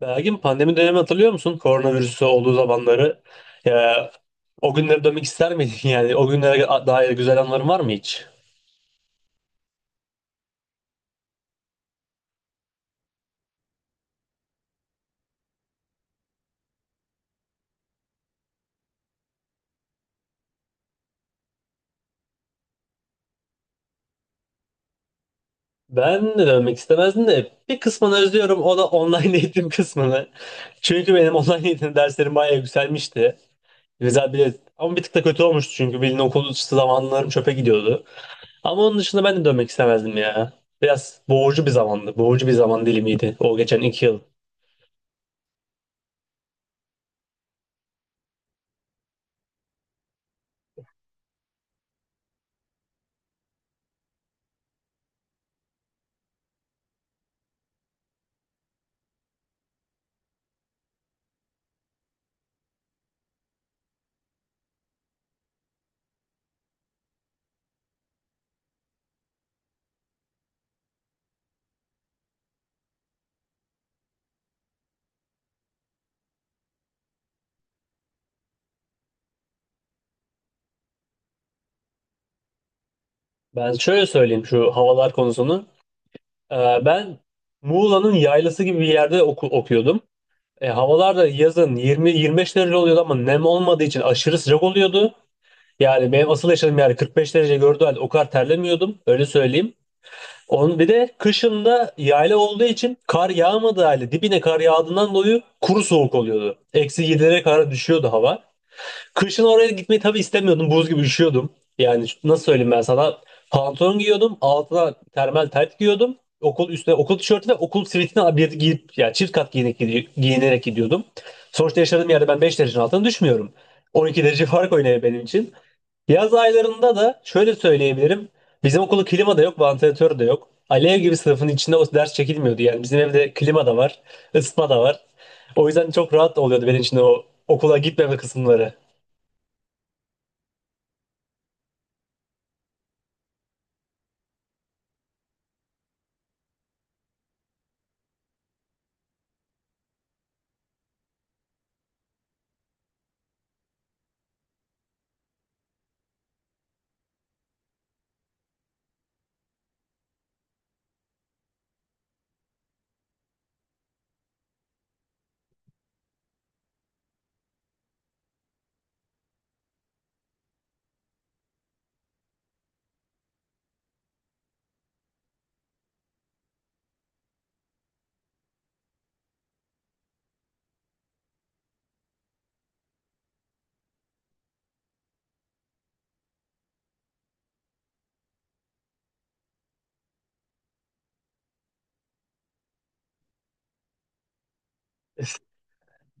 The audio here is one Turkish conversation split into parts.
Belki pandemi dönemi hatırlıyor musun? Koronavirüsü olduğu zamanları. Ya, o günlere dönmek ister miydin? Yani o günlere dair güzel anıların var mı hiç? Ben de dönmek istemezdim de bir kısmını özlüyorum. O da online eğitim kısmını. Çünkü benim online eğitim derslerim bayağı yükselmişti. Güzel bir ama bir tık da kötü olmuştu çünkü bildiğin okul dışı zamanlarım çöpe gidiyordu. Ama onun dışında ben de dönmek istemezdim ya. Biraz boğucu bir zamandı. Boğucu bir zaman dilimiydi o geçen iki yıl. Ben şöyle söyleyeyim şu havalar konusunu. Ben Muğla'nın yaylası gibi bir yerde okuyordum. Havalar da yazın 20-25 derece oluyordu ama nem olmadığı için aşırı sıcak oluyordu. Yani benim asıl yaşadığım yer 45 derece gördüğü halde o kadar terlemiyordum. Öyle söyleyeyim. Onun bir de kışında yayla olduğu için kar yağmadığı halde dibine kar yağdığından dolayı kuru soğuk oluyordu. Eksi 7'lere kadar düşüyordu hava. Kışın oraya gitmeyi tabii istemiyordum. Buz gibi üşüyordum. Nasıl söyleyeyim ben sana? Pantolon giyiyordum. Altına termal tayt giyiyordum. Okul üstüne okul tişörtü ve okul sivitini bir giyip yani çift kat giyinerek, giyinerek gidiyordum. Sonuçta yaşadığım yerde ben 5 derecenin altına düşmüyorum. On iki derece fark oynuyor benim için. Yaz aylarında da şöyle söyleyebilirim. Bizim okulda klima da yok, vantilatör de yok. Alev gibi sınıfın içinde o ders çekilmiyordu. Yani bizim evde klima da var, ısıtma da var. O yüzden çok rahat oluyordu benim için o okula gitmeme kısımları.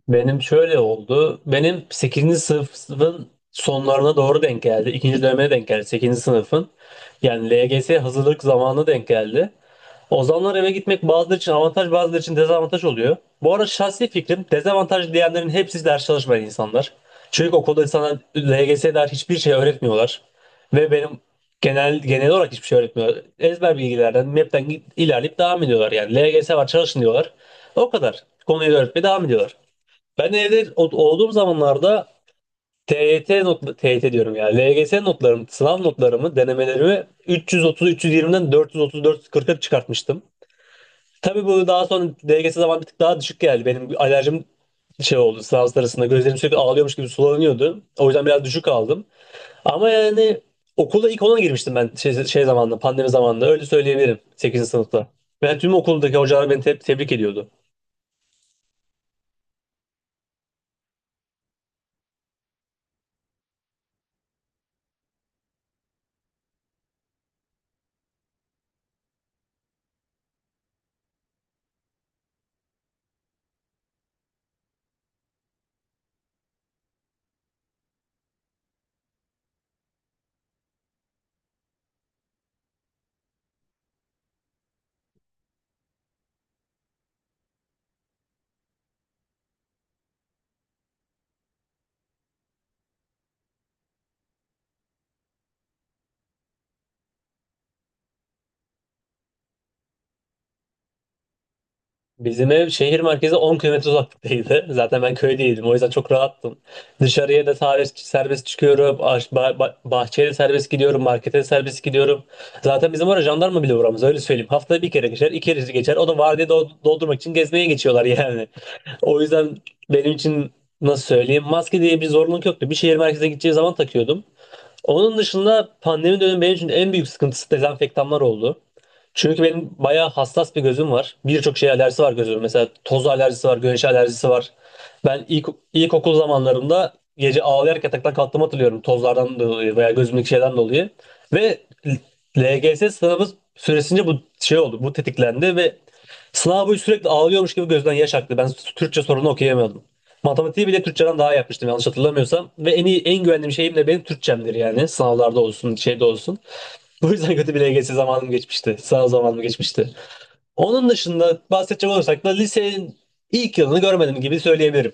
Benim şöyle oldu. Benim sekizinci sınıfın sonlarına doğru denk geldi. 2. döneme denk geldi sekizinci sınıfın. Yani LGS hazırlık zamanına denk geldi. O zamanlar eve gitmek bazıları için avantaj bazıları için dezavantaj oluyor. Bu arada şahsi fikrim dezavantaj diyenlerin hepsi ders çalışmayan insanlar. Çünkü okulda insanlar LGS'ye dair hiçbir şey öğretmiyorlar. Ve benim genel olarak hiçbir şey öğretmiyorlar. Ezber bilgilerden, map'ten ilerleyip devam ediyorlar. Yani LGS var çalışın diyorlar. O kadar. Konuyu öğretmeye devam ediyorlar. Ben evde olduğum zamanlarda TYT not TYT diyorum ya. LGS notlarım, sınav notlarımı, denemelerimi 330-320'den 434-40'a çıkartmıştım. Tabii bu daha sonra LGS zaman bir tık daha düşük geldi. Benim alerjim şey oldu sınav sırasında. Gözlerim sürekli ağlıyormuş gibi sulanıyordu. O yüzden biraz düşük aldım. Ama yani okulda ilk ona girmiştim ben şey, şey zamanında, pandemi zamanında. Öyle söyleyebilirim sekizinci sınıfta. Ben tüm okuldaki hocalar beni tebrik ediyordu. Bizim ev şehir merkezi 10 kilometre uzaklıktaydı. Zaten ben köydeydim. O yüzden çok rahattım. Dışarıya da serbest çıkıyorum. Bahçeye de serbest gidiyorum. Markete de serbest gidiyorum. Zaten bizim oraya jandarma bile uğramaz. Öyle söyleyeyim. Haftada bir kere geçer. İki kere geçer. O da vardiya doldurmak için gezmeye geçiyorlar yani. O yüzden benim için nasıl söyleyeyim. Maske diye bir zorunluluk yoktu. Bir şehir merkezine gideceği zaman takıyordum. Onun dışında pandemi dönemi benim için en büyük sıkıntısı dezenfektanlar oldu. Çünkü benim bayağı hassas bir gözüm var. Birçok şeye alerjisi var gözümün. Mesela toz alerjisi var, güneş alerjisi var. Ben ilk, ilkokul zamanlarımda gece ağlayarak yataktan kalktığımı hatırlıyorum. Tozlardan dolayı veya gözümdeki şeyden dolayı. Ve LGS sınavı süresince bu şey oldu, bu tetiklendi ve sınav boyu sürekli ağlıyormuş gibi gözden yaş aktı. Ben Türkçe sorunu okuyamıyordum. Matematiği bile Türkçeden daha iyi yapmıştım yanlış hatırlamıyorsam. Ve en iyi, en güvendiğim şeyim de benim Türkçemdir yani. Sınavlarda olsun, şeyde olsun. Bu yüzden kötü bir LGS zamanım geçmişti. Sınav zamanım geçmişti. Onun dışında bahsedecek olursak da lisenin ilk yılını görmedim gibi söyleyebilirim.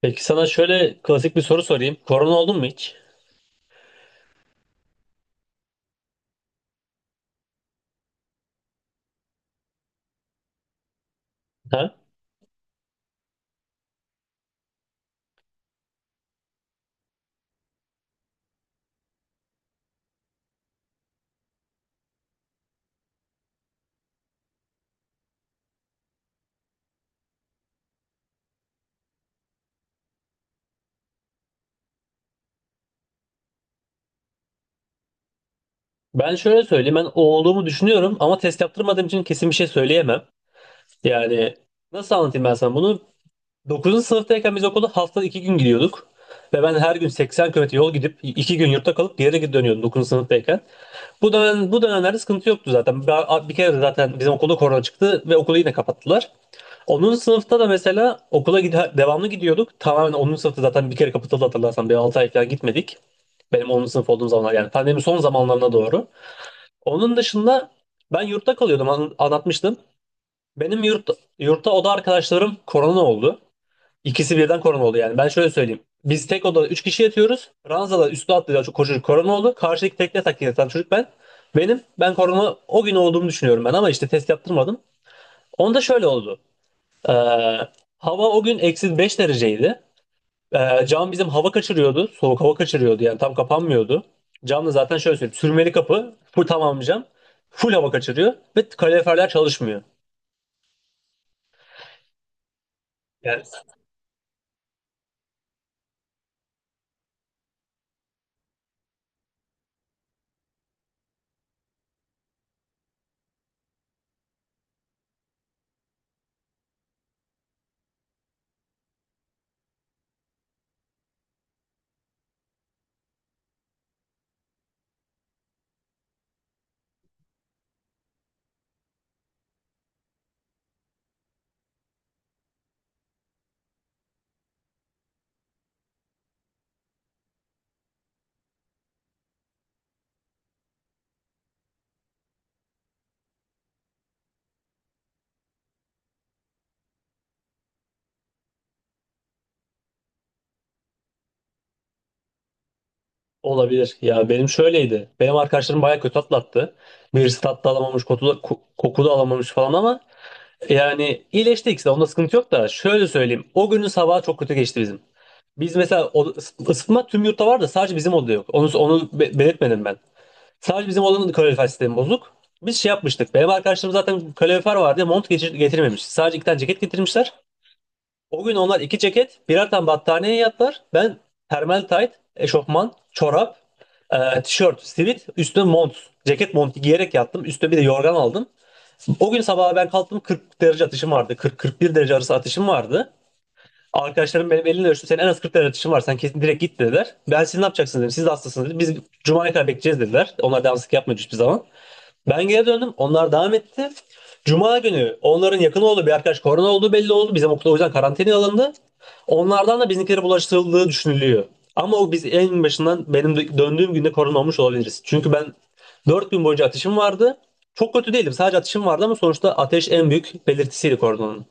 Peki sana şöyle klasik bir soru sorayım. Korona oldun mu hiç? Ha? Ben şöyle söyleyeyim. Ben o olduğumu düşünüyorum ama test yaptırmadığım için kesin bir şey söyleyemem. Yani nasıl anlatayım ben sana bunu? 9. sınıftayken biz okula haftada 2 gün gidiyorduk. Ve ben her gün 80 kilometre yol gidip 2 gün yurtta kalıp geri dönüyordum 9. sınıftayken. Bu dönemlerde sıkıntı yoktu zaten. Bir kere de zaten bizim okulda korona çıktı ve okulu yine kapattılar. 10. sınıfta da mesela devamlı gidiyorduk. Tamamen 10. sınıfta zaten bir kere kapatıldı hatırlarsan. Bir 6 ay falan gitmedik. Benim 10. sınıf olduğum zamanlar yani pandemi son zamanlarına doğru. Onun dışında ben yurtta kalıyordum anlatmıştım. Benim yurt, Yurtta oda arkadaşlarım korona oldu. İkisi birden korona oldu yani. Ben şöyle söyleyeyim. Biz tek odada 3 kişi yatıyoruz. Ranzada üstü atlayan çok koşucu korona oldu. Karşıdaki tekne takip yatan çocuk ben. Ben korona o gün olduğumu düşünüyorum ben ama işte test yaptırmadım. Onda şöyle oldu. Ee, Hava o gün eksi 5 dereceydi. Cam bizim hava kaçırıyordu. Soğuk hava kaçırıyordu yani tam kapanmıyordu. Cam da zaten şöyle söyleyeyim. Sürmeli kapı. Full tamam cam. Full hava kaçırıyor ve kaloriferler çalışmıyor. Yani olabilir. Ya benim şöyleydi. Benim arkadaşlarım bayağı kötü atlattı. Birisi tatlı alamamış, koku da alamamış falan ama yani iyileşti ikisi de. Onda sıkıntı yok da şöyle söyleyeyim. O günün sabahı çok kötü geçti bizim. Biz mesela o, ısıtma tüm yurtta var da sadece bizim odada yok. Onu belirtmedim ben. Sadece bizim odanın kalorifer sistemi bozuk. Biz şey yapmıştık. Benim arkadaşlarım zaten kalorifer vardı. Getirmemiş. Sadece iki tane ceket getirmişler. O gün onlar iki ceket, birer tane battaniye yattılar. Ben termal tayt, eşofman, çorap, tişört, sivit, üstüne mont, ceket montu giyerek yattım. Üstüne bir de yorgan aldım. O gün sabaha ben kalktım 40 derece atışım vardı. 40-41 derece arası atışım vardı. Arkadaşlarım benim elimle ölçtü. Senin en az 40 derece atışın var. Sen kesin direkt git dediler. Ben siz ne yapacaksınız dedim. Siz de hastasınız dedim. Biz Cuma'ya kadar bekleyeceğiz dediler. Onlar devamsızlık yapmıyordu hiçbir zaman. Ben geri döndüm. Onlar devam etti. Cuma günü onların yakın olduğu bir arkadaş korona olduğu belli oldu. Bizim okulda o yüzden karantinaya alındı. Onlardan da bizimkilere bulaştırıldığı düşünülüyor. Ama o biz en başından benim döndüğüm günde korona olmuş olabiliriz. Çünkü ben 4 gün boyunca ateşim vardı. Çok kötü değildim. Sadece ateşim vardı ama sonuçta ateş en büyük belirtisiydi koronanın.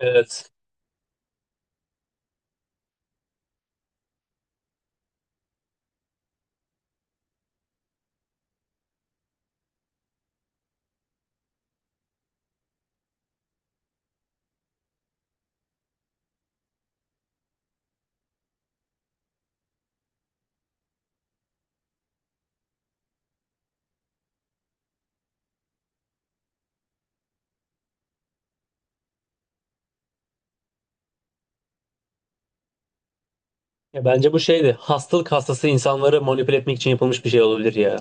Evet. Ya bence bu şeydi. Hastalık hastası insanları manipüle etmek için yapılmış bir şey olabilir ya.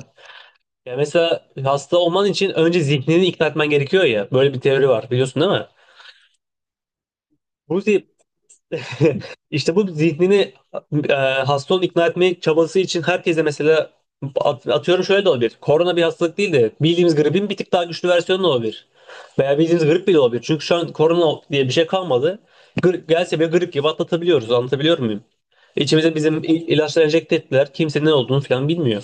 Ya mesela hasta olman için önce zihnini ikna etmen gerekiyor ya. Böyle bir teori var biliyorsun değil mi? Ruzi işte bu zihnini e, hasta olan ikna etme çabası için herkese mesela atıyorum şöyle de olabilir. Korona bir hastalık değil de bildiğimiz gripin bir tık daha güçlü versiyonu da olabilir. Veya bildiğimiz grip bile olabilir. Çünkü şu an korona diye bir şey kalmadı. Gelse bile grip gibi atlatabiliyoruz. Anlatabiliyor muyum? İçimize bizim ilaçlar enjekte ettiler. Kimse ne olduğunu falan bilmiyor.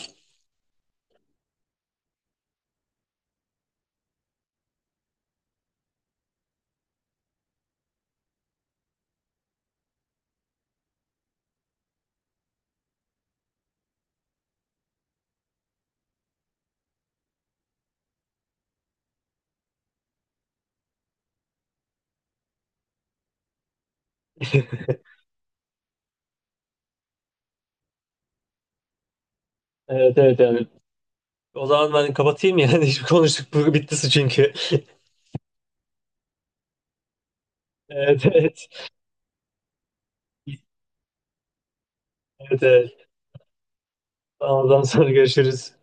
Evet evet yani. O zaman ben kapatayım yani. Hiç konuştuk. Bu bittisi çünkü. Evet evet. Evet evet. Tamam, o zaman sonra görüşürüz.